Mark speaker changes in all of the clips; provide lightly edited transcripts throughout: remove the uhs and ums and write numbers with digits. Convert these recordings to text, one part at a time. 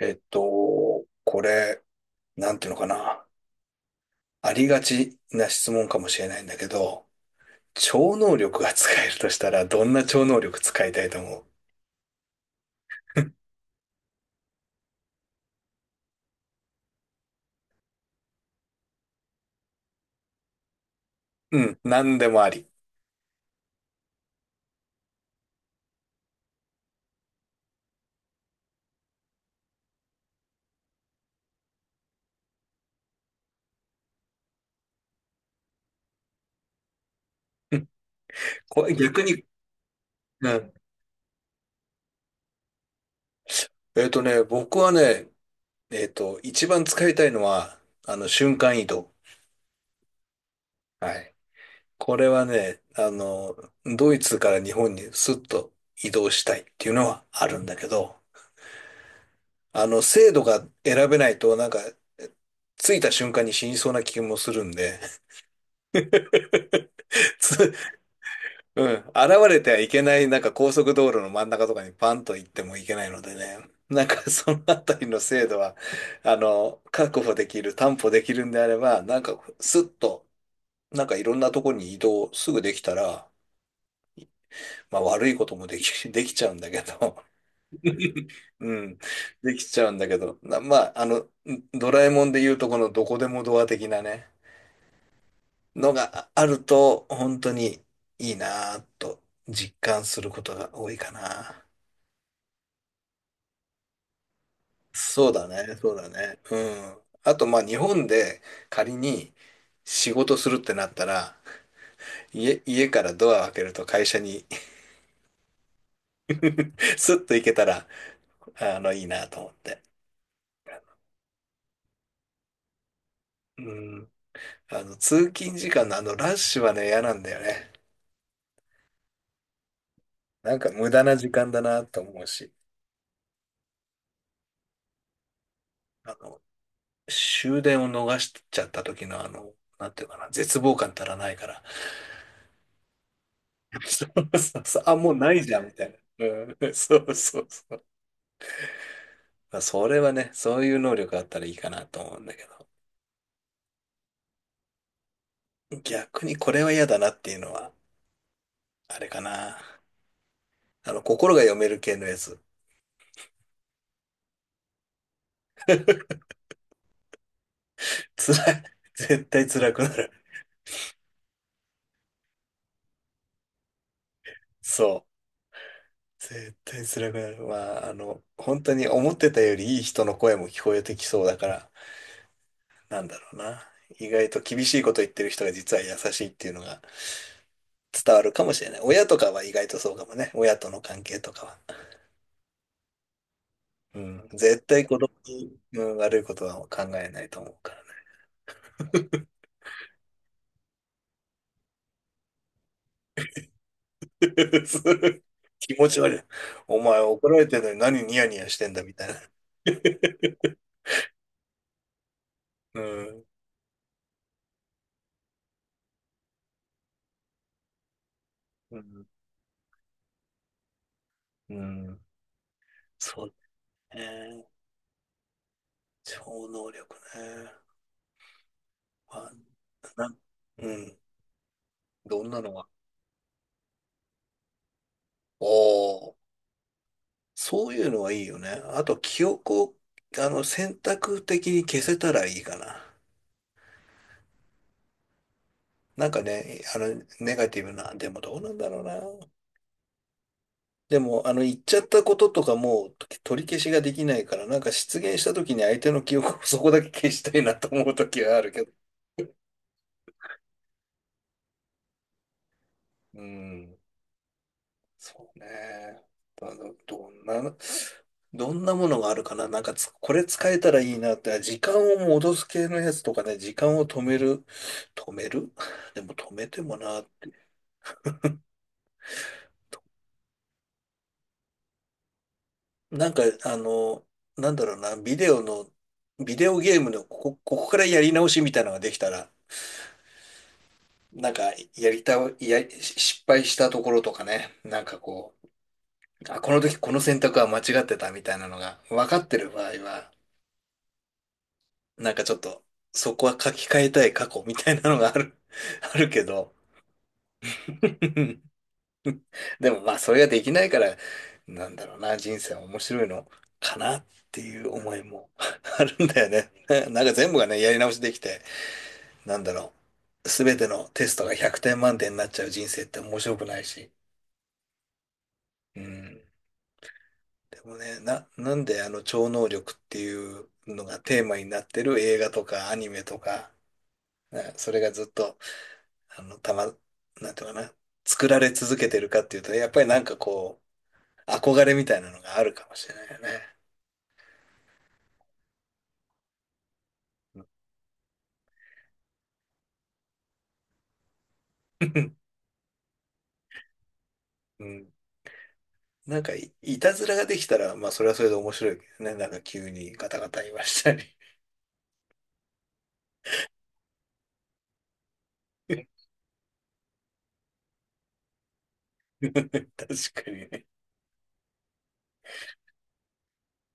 Speaker 1: これ、なんていうのかな。ありがちな質問かもしれないんだけど、超能力が使えるとしたら、どんな超能力使いたいと思う？ うん、なんでもあり。うん。これ逆に、うん。僕はね、一番使いたいのは、瞬間移動。はい。これはね、ドイツから日本にスッと移動したいっていうのはあるんだけど、制度が選べないと、なんか、着いた瞬間に死にそうな気もするんで、つ、うん、現れてはいけない、なんか高速道路の真ん中とかにパンと行ってもいけないのでね、なんかそのあたりの制度は、確保できる、担保できるんであれば、なんかスッと、なんかいろんなとこに移動すぐできたら、まあ悪いこともでき、できちゃうんだけど、うん、できちゃうんだけど、まあ、ドラえもんで言うとこのどこでもドア的なね、のがあると、本当にいいなぁと実感することが多いかな。そうだね、そうだね。うん。あと、まあ、日本で仮に仕事するってなったら、家からドアを開けると会社に スッと行けたら、いいなと思って。うん。通勤時間のあのラッシュはね、嫌なんだよね。なんか無駄な時間だなと思うし、あの、終電を逃しちゃった時のあの、なんていうかな、絶望感たらないから、そうそうそう。あ、もうないじゃん、みたいな。うん、そうそうそう。まあ、それはね、そういう能力があったらいいかなと思うんだけど。逆にこれは嫌だなっていうのは、あれかな。心が読める系のやつ。辛い。絶対辛くなる。そう。絶対辛くなる。まあ、本当に思ってたよりいい人の声も聞こえてきそうだから、なんだろうな。意外と厳しいこと言ってる人が実は優しいっていうのが伝わるかもしれない。親とかは意外とそうかもね。親との関係とかは。うん、絶対子供に、うん、悪いことは考えないと思うからね。気持ち悪い。お前怒られてるのに何ニヤニヤしてんだみたいな。うん、うん、うん、そうね。超能力ね。まあ、な、うん、どんなのが。おお、そういうのはいいよね。あと、記憶を、選択的に消せたらいいかな。なんかね、ネガティブな、でもどうなんだろうな。でも、言っちゃったこととかもう取り消しができないから、なんか失言した時に相手の記憶を そこだけ消したいなと思う時はあるけど。うん、そうね。あのどんな、どんなものがあるかな。なんかつ、これ使えたらいいなって、あ時間を戻す系のやつとかね、時間を止める。止める でも止めてもな。なんか、なんだろうな、ビデオゲームのここからやり直しみたいなのができたら、なんか、やりたい、やり、失敗したところとかね、なんかこう、あ、この時この選択は間違ってたみたいなのが分かってる場合は、なんかちょっと、そこは書き換えたい過去みたいなのがある、あるけど、でもまあ、それができないから、なんだろうな、人生は面白いのかなっていう思いも あるんだよね。なんか全部がね、やり直しできて、なんだろう、すべてのテストが100点満点になっちゃう人生って面白くないし、うん。でもね、なんであの超能力っていうのがテーマになってる映画とかアニメとか、ねそれがずっと、あの、たま、なんていうかな、作られ続けてるかっていうと、やっぱりなんかこう、憧れみたいなのがあるかもしれないよね。うん。うんいたずらができたら、まあそれはそれで面白いけどね。なんか急にガタガタ言いましたり。確かにね。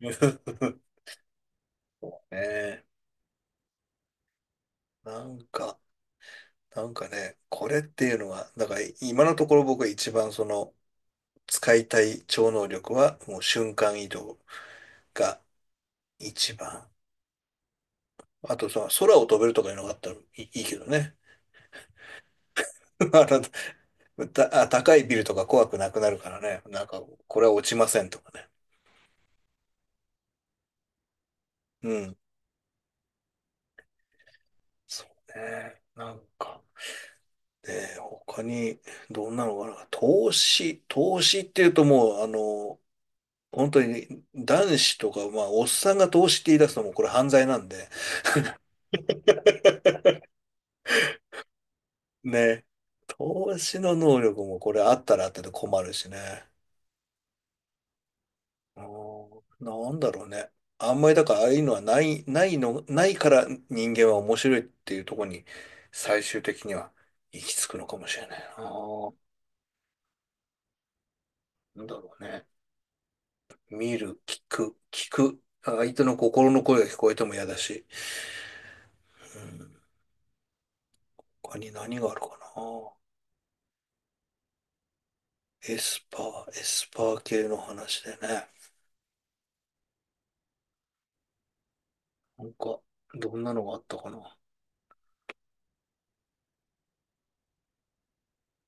Speaker 1: ねえなんか、なんかね、これっていうのは、だから今のところ僕が一番その使いたい超能力はもう瞬間移動が一番。あとその空を飛べるとかいうのがあったらいい、いいけどね。あたあ高いビルとか怖くなくなるからね。なんかこれは落ちませんとかね。うん。そうね。なんか。で、他にどんなのかな。投資、投資っていうともうあの、本当に男子とか、まあ、おっさんが投資って言い出すのもこれ犯罪なんで、ね。投資の能力もこれあったらあったで困るしね。うんなんだろうね。あんまりだからああいうのはないから人間は面白いっていうところに最終的には行き着くのかもしれないな。なんだろうね。見る、聞く、聞く。相手の心の声が聞こえても嫌だし。うん。他に何があるかな。エスパエスパー系の話でね。なんか、どんなのがあったかな。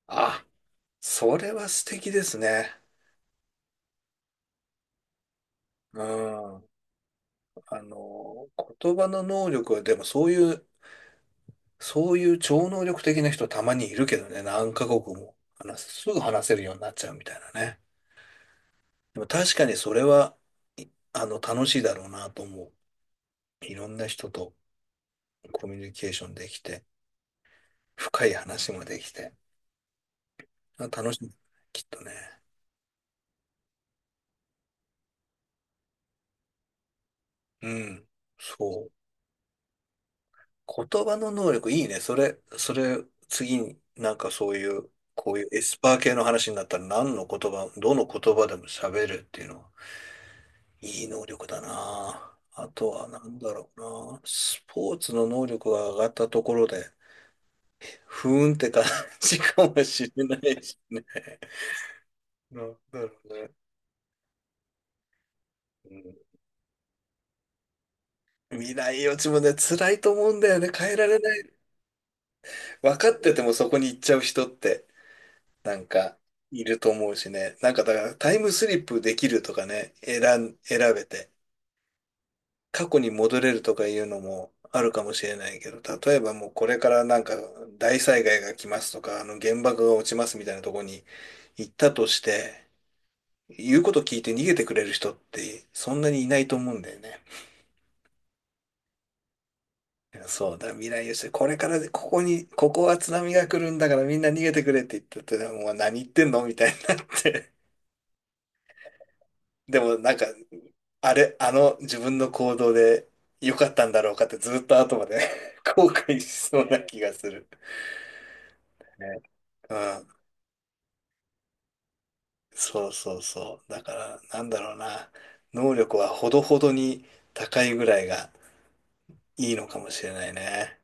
Speaker 1: あそれは素敵ですね。うん。あの、言葉の能力は、でもそういう超能力的な人たまにいるけどね、何カ国もすぐ話せるようになっちゃうみたいなね。でも確かにそれは、い楽しいだろうなと思う。いろんな人とコミュニケーションできて、深い話もできて、あ楽しい、きっとね。うん。そう。言葉の能力いいね。それ、それ、次になんかそういう、こういうエスパー系の話になったら何の言葉、どの言葉でも喋るっていうのは、いい能力だな。あとは何だろうな。スポーツの能力が上がったところで、ふーんって感じかもしれないし。なんだろうね。うん、未来予知もね、辛いと思うんだよね。変えられない。分かっててもそこに行っちゃう人って。なんか、いると思うしね。なんか、だから、タイムスリップできるとかね、選べて、過去に戻れるとかいうのもあるかもしれないけど、例えばもうこれからなんか、大災害が来ますとか、原爆が落ちますみたいなとこに行ったとして、言うこと聞いて逃げてくれる人って、そんなにいないと思うんだよね。そうだ、未来予測、これからで、ここに、ここは津波が来るんだからみんな逃げてくれって言ったって、もう何言ってんのみたいになって。でもなんかあれ、あの自分の行動で良かったんだろうかってずっと後まで 後悔しそうな気がする。ねうん。そうそうそう。だから、なんだろうな。能力はほどほどに高いぐらいがいいのかもしれないね。